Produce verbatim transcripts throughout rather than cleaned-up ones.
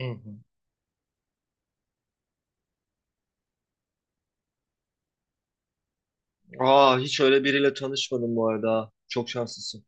Hı hı. Aa, hiç öyle biriyle tanışmadım bu arada. Çok şanslısın.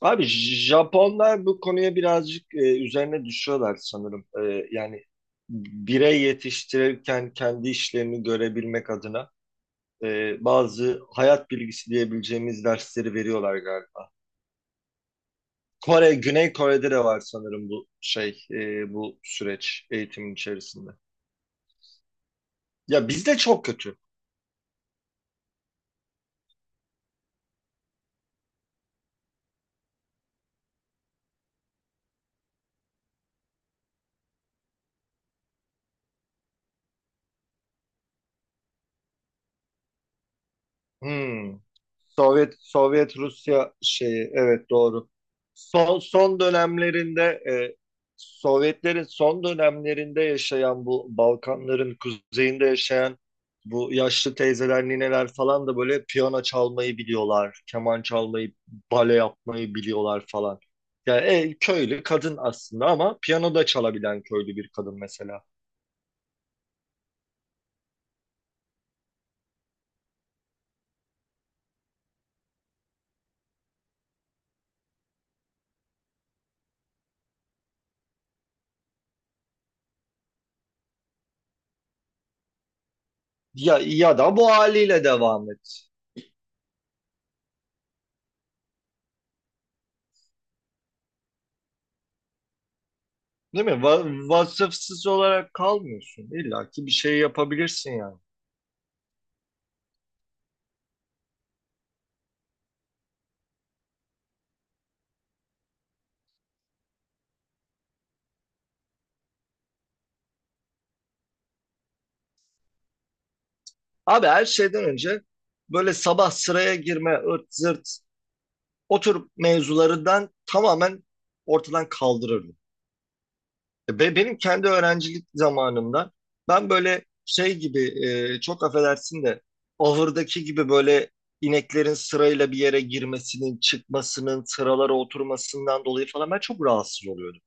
Abi J- Japonlar bu konuya birazcık e, üzerine düşüyorlar sanırım. E, yani birey yetiştirirken kendi işlerini görebilmek adına e, bazı hayat bilgisi diyebileceğimiz dersleri veriyorlar galiba. Kore, Güney Kore'de de var sanırım bu şey, e, bu süreç eğitimin içerisinde. Ya bizde çok kötü. Hmm. Sovyet Sovyet Rusya şeyi evet doğru. Son son dönemlerinde e, Sovyetlerin son dönemlerinde yaşayan bu Balkanların kuzeyinde yaşayan bu yaşlı teyzeler, nineler falan da böyle piyano çalmayı biliyorlar, keman çalmayı, bale yapmayı biliyorlar falan. Yani e, köylü kadın aslında ama piyano da çalabilen köylü bir kadın mesela. Ya ya da bu haliyle devam et. Değil mi? Va- vasıfsız olarak kalmıyorsun. İlla ki bir şey yapabilirsin yani. Abi her şeyden önce böyle sabah sıraya girme, ırt zırt o tür mevzularından tamamen ortadan kaldırırdım. E, Be benim kendi öğrencilik zamanımda ben böyle şey gibi e, çok affedersin de ahırdaki gibi böyle ineklerin sırayla bir yere girmesinin, çıkmasının, sıralara oturmasından dolayı falan ben çok rahatsız oluyordum.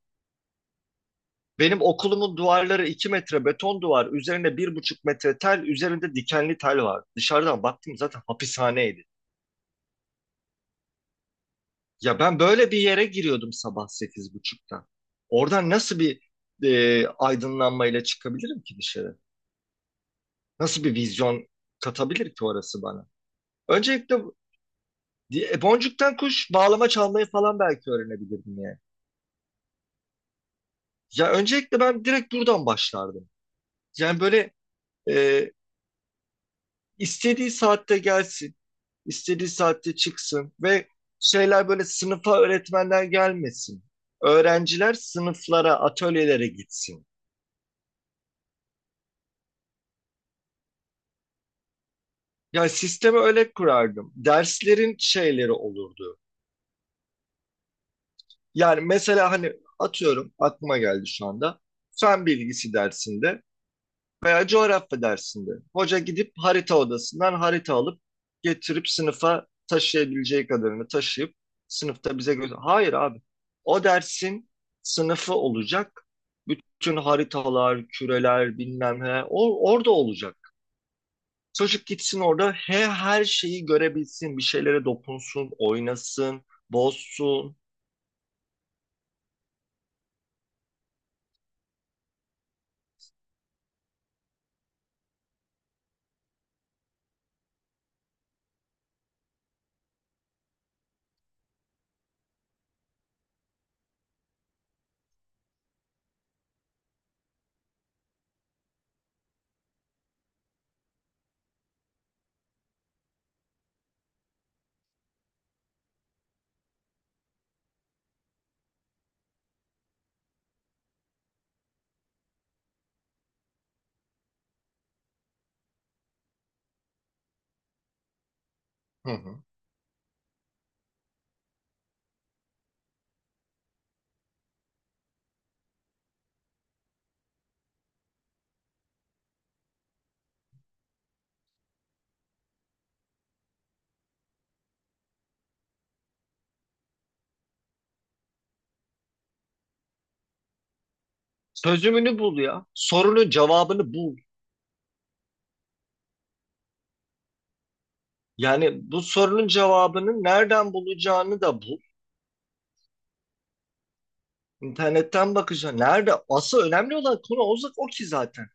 Benim okulumun duvarları iki metre beton duvar, üzerine bir buçuk metre tel, üzerinde dikenli tel var. Dışarıdan baktım zaten hapishaneydi. Ya ben böyle bir yere giriyordum sabah sekiz buçukta. Oradan nasıl bir e, aydınlanmayla çıkabilirim ki dışarı? Nasıl bir vizyon katabilir ki orası bana? Öncelikle bu- e, boncuktan kuş bağlama çalmayı falan belki öğrenebilirdim yani. Ya öncelikle ben direkt buradan başlardım. Yani böyle e, istediği saatte gelsin. İstediği saatte çıksın ve şeyler böyle sınıfa öğretmenler gelmesin. Öğrenciler sınıflara, atölyelere gitsin. Yani sistemi öyle kurardım. Derslerin şeyleri olurdu. Yani mesela hani atıyorum aklıma geldi şu anda. Fen bilgisi dersinde Veya coğrafya dersinde. Hoca gidip harita odasından harita alıp getirip sınıfa taşıyabileceği kadarını taşıyıp sınıfta bize göster. Hayır abi. O dersin sınıfı olacak. Bütün haritalar, küreler bilmem ne o, orada olacak. Çocuk gitsin orada he her şeyi görebilsin, bir şeylere dokunsun, oynasın, bozsun. Hı hı. Çözümünü bul ya. Sorunun cevabını bul. Yani bu sorunun cevabını nereden bulacağını da bul. İnternetten bakacaksın. Nerede? Asıl önemli olan konu o, o ki zaten.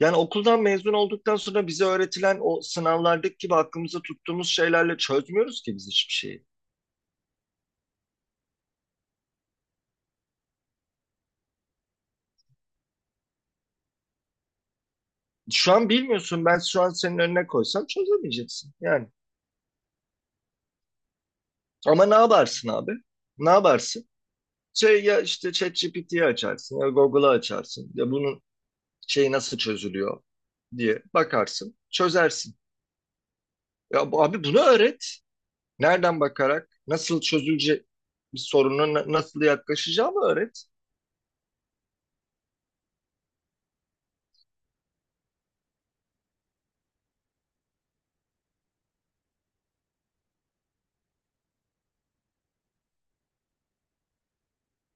Yani okuldan mezun olduktan sonra bize öğretilen o sınavlardaki gibi aklımıza tuttuğumuz şeylerle çözmüyoruz ki biz hiçbir şeyi. Şu an bilmiyorsun. Ben şu an senin önüne koysam çözemeyeceksin. Yani. Ama ne yaparsın abi? Ne yaparsın? Şey ya işte ChatGPT'yi açarsın ya Google'ı açarsın. Ya bunun şeyi nasıl çözülüyor diye bakarsın. Çözersin. Ya bu- abi bunu öğret. Nereden bakarak nasıl çözülecek bir soruna na- nasıl yaklaşacağımı öğret.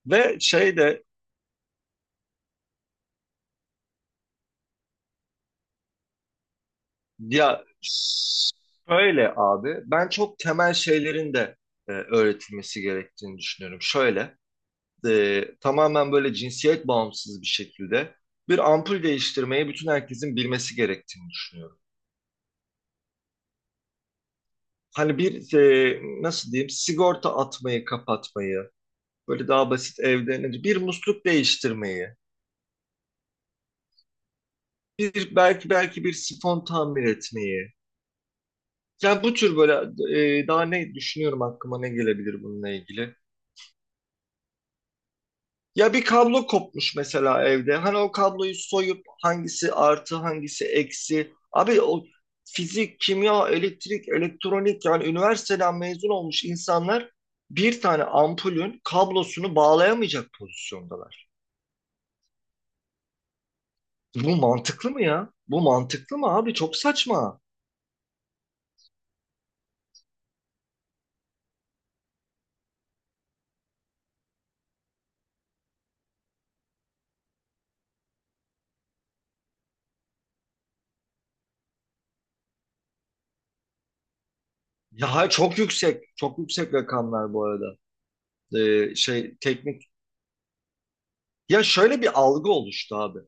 Ve şey de ya şöyle abi ben çok temel şeylerin de e, öğretilmesi gerektiğini düşünüyorum. Şöyle e, tamamen böyle cinsiyet bağımsız bir şekilde bir ampul değiştirmeyi bütün herkesin bilmesi gerektiğini düşünüyorum. Hani bir e, nasıl diyeyim sigorta atmayı kapatmayı böyle daha basit evden bir musluk değiştirmeyi bir belki belki bir sifon tamir etmeyi. Yani bu tür böyle e, daha ne düşünüyorum aklıma ne gelebilir bununla ilgili. Ya bir kablo kopmuş mesela evde. Hani o kabloyu soyup hangisi artı hangisi eksi. Abi o fizik, kimya, elektrik, elektronik yani üniversiteden mezun olmuş insanlar bir tane ampulün kablosunu bağlayamayacak pozisyondalar. Bu mantıklı mı ya? Bu mantıklı mı abi? Çok saçma. Ya çok yüksek. Çok yüksek rakamlar bu arada. e, şey teknik. Ya şöyle bir algı oluştu abi.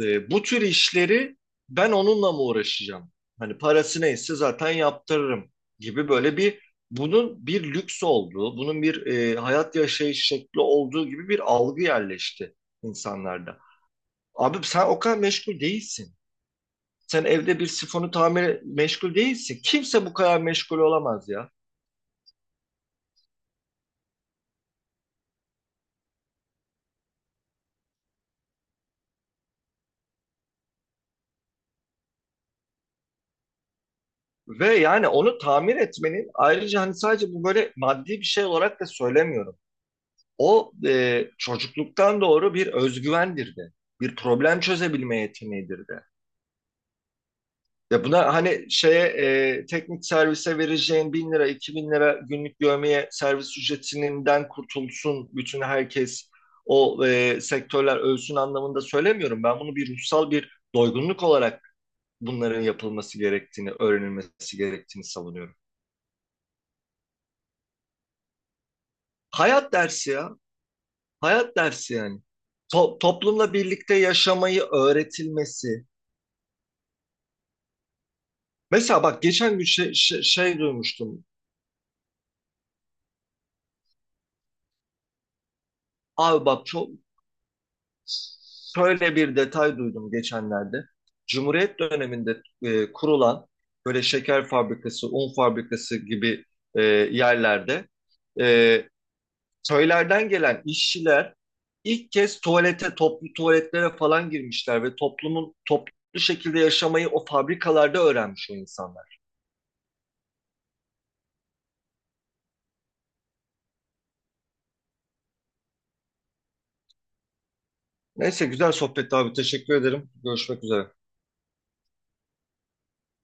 E, bu tür işleri ben onunla mı uğraşacağım? Hani parası neyse zaten yaptırırım gibi böyle bir bunun bir lüks olduğu, bunun bir e, hayat yaşayış şekli olduğu gibi bir algı yerleşti insanlarda. Abi sen o kadar meşgul değilsin. Sen evde bir sifonu tamir meşgul değilsin. Kimse bu kadar meşgul olamaz ya. Ve yani onu tamir etmenin ayrıca hani sadece bu böyle maddi bir şey olarak da söylemiyorum. O e, çocukluktan doğru bir özgüvendir de. Bir problem çözebilme yeteneğidir de. Ya buna hani şeye e, teknik servise vereceğin bin lira, iki bin lira günlük dövmeye servis ücretinden kurtulsun bütün herkes o e, sektörler ölsün anlamında söylemiyorum. Ben bunu bir ruhsal bir doygunluk olarak bunların yapılması gerektiğini, öğrenilmesi gerektiğini savunuyorum. Hayat dersi ya. Hayat dersi yani. To- toplumla birlikte yaşamayı öğretilmesi. Mesela bak geçen gün şey, şey, şey duymuştum. Abi bak çok şöyle bir detay duydum geçenlerde. Cumhuriyet döneminde e, kurulan böyle şeker fabrikası, un fabrikası gibi e, yerlerde e, köylerden gelen işçiler ilk kez tuvalete, toplu tuvaletlere falan girmişler ve toplumun toplu şekilde yaşamayı o fabrikalarda öğrenmiş o insanlar. Neyse güzel sohbetti abi. Teşekkür ederim. Görüşmek üzere.